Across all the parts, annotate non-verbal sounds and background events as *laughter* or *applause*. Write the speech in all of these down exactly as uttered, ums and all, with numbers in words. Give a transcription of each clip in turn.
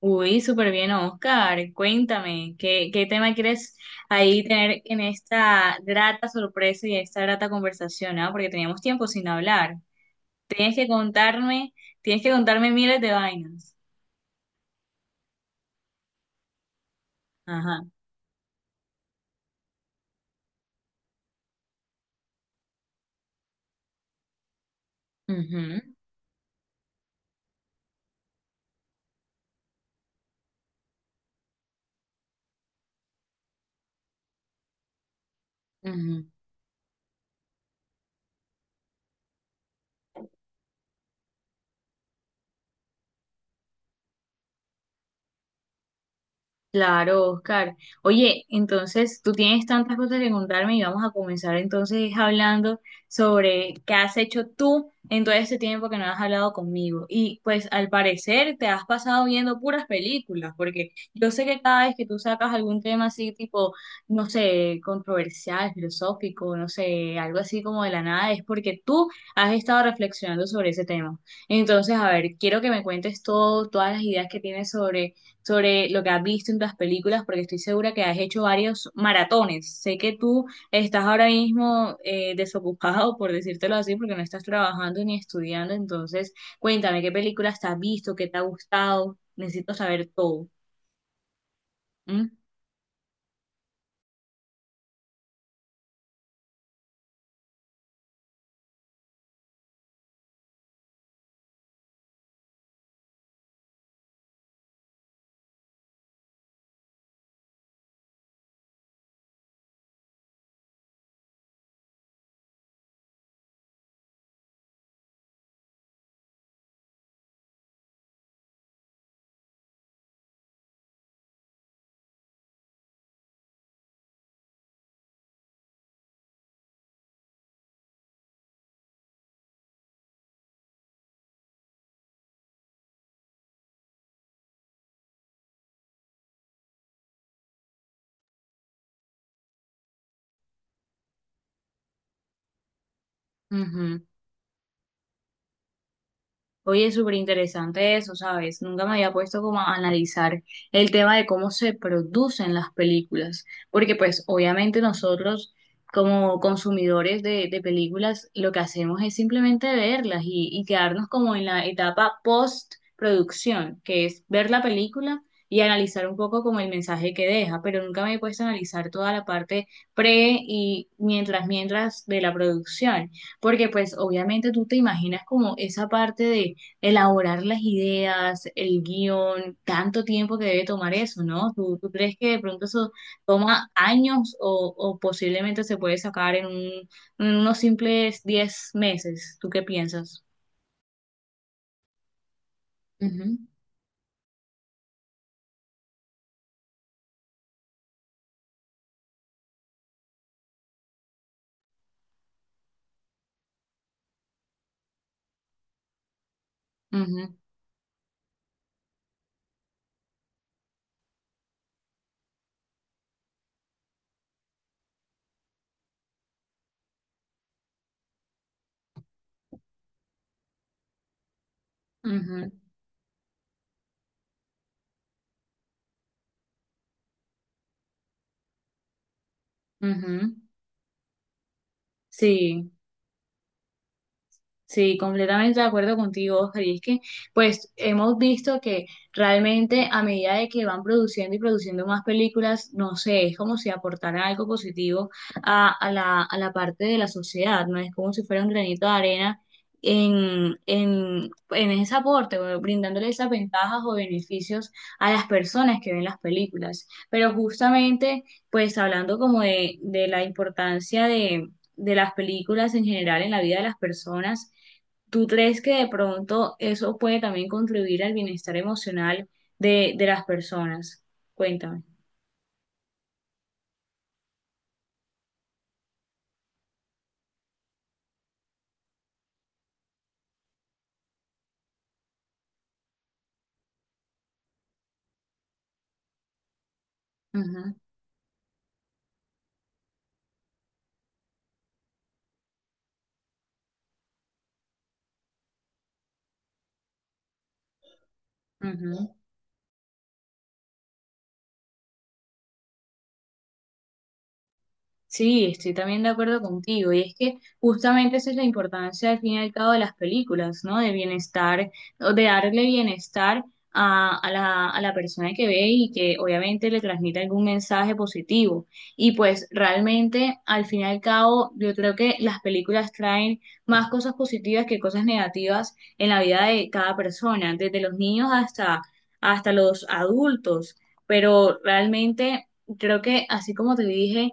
Uy, súper bien, Oscar. Cuéntame, ¿qué, qué tema quieres ahí tener en esta grata sorpresa y esta grata conversación, ¿ah? Porque teníamos tiempo sin hablar. Tienes que contarme, tienes que contarme miles de vainas. Ajá. Ujú, ujú. Claro, Oscar. Oye, entonces tú tienes tantas cosas que contarme y vamos a comenzar entonces hablando sobre qué has hecho tú en todo este tiempo que no has hablado conmigo. Y pues al parecer te has pasado viendo puras películas, porque yo sé que cada vez que tú sacas algún tema así tipo, no sé, controversial, filosófico, no sé, algo así como de la nada, es porque tú has estado reflexionando sobre ese tema. Entonces, a ver, quiero que me cuentes todo, todas las ideas que tienes sobre sobre lo que has visto en las películas, porque estoy segura que has hecho varios maratones. Sé que tú estás ahora mismo eh, desocupado, *laughs* por decírtelo así, porque no estás trabajando ni estudiando. Entonces, cuéntame qué películas te has visto, qué te ha gustado. Necesito saber todo. ¿Mm? Ujú. Oye, súper interesante eso, ¿sabes? Nunca me había puesto como a analizar el tema de cómo se producen las películas, porque pues obviamente nosotros como consumidores de, de películas lo que hacemos es simplemente verlas y, y quedarnos como en la etapa post-producción, que es ver la película y analizar un poco como el mensaje que deja, pero nunca me he puesto a analizar toda la parte pre y mientras, mientras de la producción, porque pues obviamente tú te imaginas como esa parte de elaborar las ideas, el guión, tanto tiempo que debe tomar eso, ¿no? ¿Tú, tú crees que de pronto eso toma años o, o posiblemente se puede sacar en un, en unos simples diez meses? ¿Tú qué piensas? Ujú. Ujú, ujú, ujú. Sí. Sí, completamente de acuerdo contigo, Oscar. Y es que, pues, hemos visto que realmente a medida de que van produciendo y produciendo más películas, no sé, es como si aportaran algo positivo a, a la, a la parte de la sociedad, ¿no? Es como si fuera un granito de arena en, en, en ese aporte, o brindándole esas ventajas o beneficios a las personas que ven las películas. Pero justamente, pues, hablando como de, de la importancia de las películas en general en la vida de las personas, ¿tú crees que de pronto eso puede también contribuir al bienestar emocional de, de las personas? Cuéntame. Ujú, ujú. Sí, estoy también de acuerdo contigo. Y es que justamente esa es la importancia, al fin y al cabo, de las películas, ¿no? De bienestar, o de darle bienestar a, a la, a la persona que ve y que obviamente le transmite algún mensaje positivo. Y pues realmente, al fin y al cabo, yo creo que las películas traen más cosas positivas que cosas negativas en la vida de cada persona, desde los niños hasta, hasta los adultos. Pero realmente creo que, así como te dije,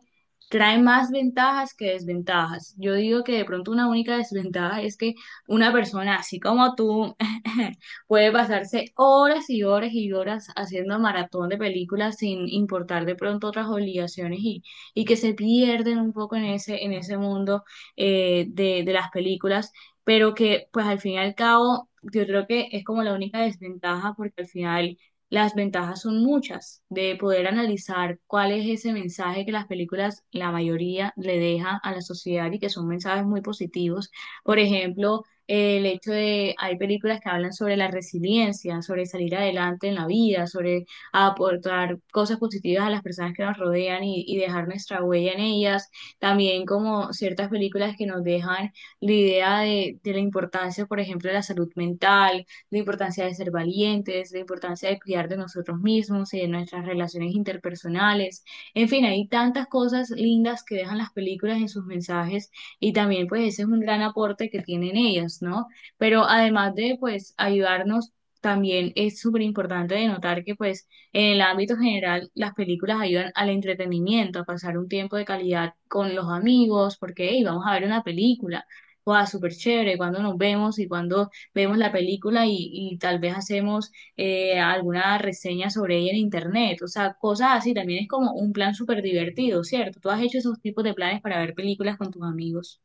trae más ventajas que desventajas. Yo digo que de pronto una única desventaja es que una persona así como tú *laughs* puede pasarse horas y horas y horas haciendo maratón de películas sin importar de pronto otras obligaciones y, y que se pierden un poco en ese, en ese mundo eh, de, de las películas, pero que pues al fin y al cabo yo creo que es como la única desventaja porque al final las ventajas son muchas de poder analizar cuál es ese mensaje que las películas, la mayoría, le dejan a la sociedad y que son mensajes muy positivos. Por ejemplo, eh, el hecho de, hay películas que hablan sobre la resiliencia, sobre salir adelante en la vida, sobre aportar cosas positivas a las personas que nos rodean y, y dejar nuestra huella en ellas. También como ciertas películas que nos dejan la idea de, de la importancia, por ejemplo, de la salud mental, la importancia de ser valientes, la importancia de cuidar de nosotros mismos y de nuestras relaciones interpersonales. En fin, hay tantas cosas lindas que dejan las películas en sus mensajes y también pues ese es un gran aporte que tienen ellas, ¿no? Pero además de pues ayudarnos también es súper importante de notar que pues en el ámbito general las películas ayudan al entretenimiento, a pasar un tiempo de calidad con los amigos, porque hey, vamos a ver una película, wow, súper chévere, cuando nos vemos y cuando vemos la película y, y tal vez hacemos eh, alguna reseña sobre ella en internet. O sea, cosas así también es como un plan súper divertido, ¿cierto? ¿Tú has hecho esos tipos de planes para ver películas con tus amigos?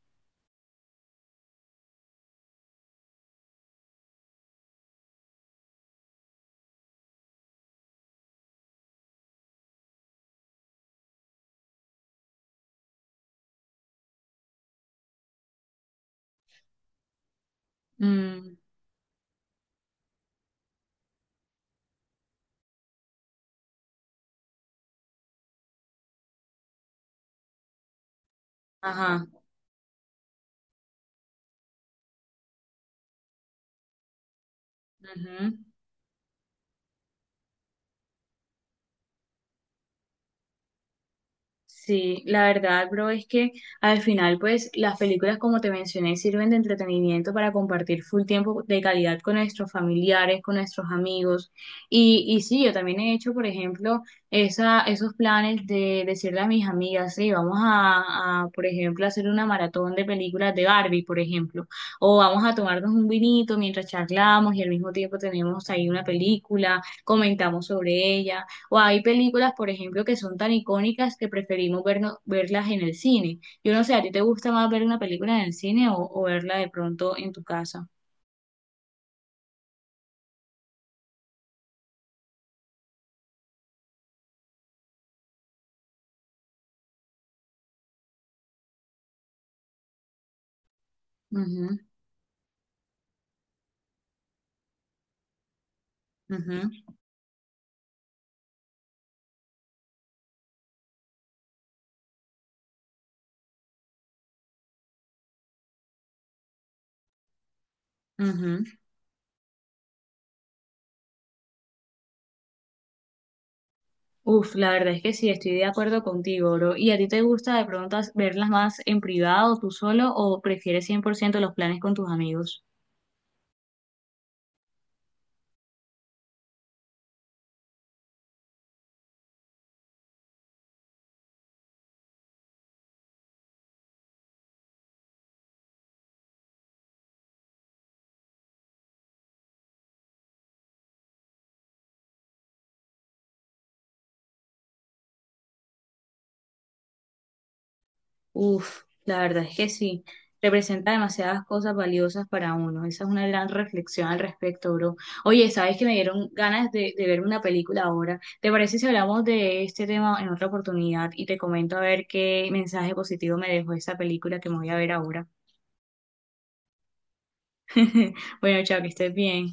Mm, ajá. Ujú. Sí, la verdad, bro, es que al final, pues, las películas, como te mencioné, sirven de entretenimiento para compartir full tiempo de calidad con nuestros familiares, con nuestros amigos. Y, y sí, yo también he hecho, por ejemplo, esa, esos planes de decirle a mis amigas, sí, vamos a, a, por ejemplo, hacer una maratón de películas de Barbie, por ejemplo, o vamos a tomarnos un vinito mientras charlamos y al mismo tiempo tenemos ahí una película, comentamos sobre ella. O hay películas, por ejemplo, que son tan icónicas que preferimos verno- verlas en el cine. Yo no sé, ¿a ti te gusta más ver una película en el cine o, o verla de pronto en tu casa? Ujú, ujú, ujú. Uf, la verdad es que sí, estoy de acuerdo contigo, bro. ¿Y a ti te gusta de pronto as- verlas más en privado, tú solo, o prefieres cien por ciento los planes con tus amigos? Uf, la verdad es que sí, representa demasiadas cosas valiosas para uno. Esa es una gran reflexión al respecto, bro. Oye, ¿sabes que me dieron ganas de, de ver una película ahora? ¿Te parece si hablamos de este tema en otra oportunidad y te comento a ver qué mensaje positivo me dejó esa película que me voy a ver ahora? *laughs* Bueno, chao, que estés bien.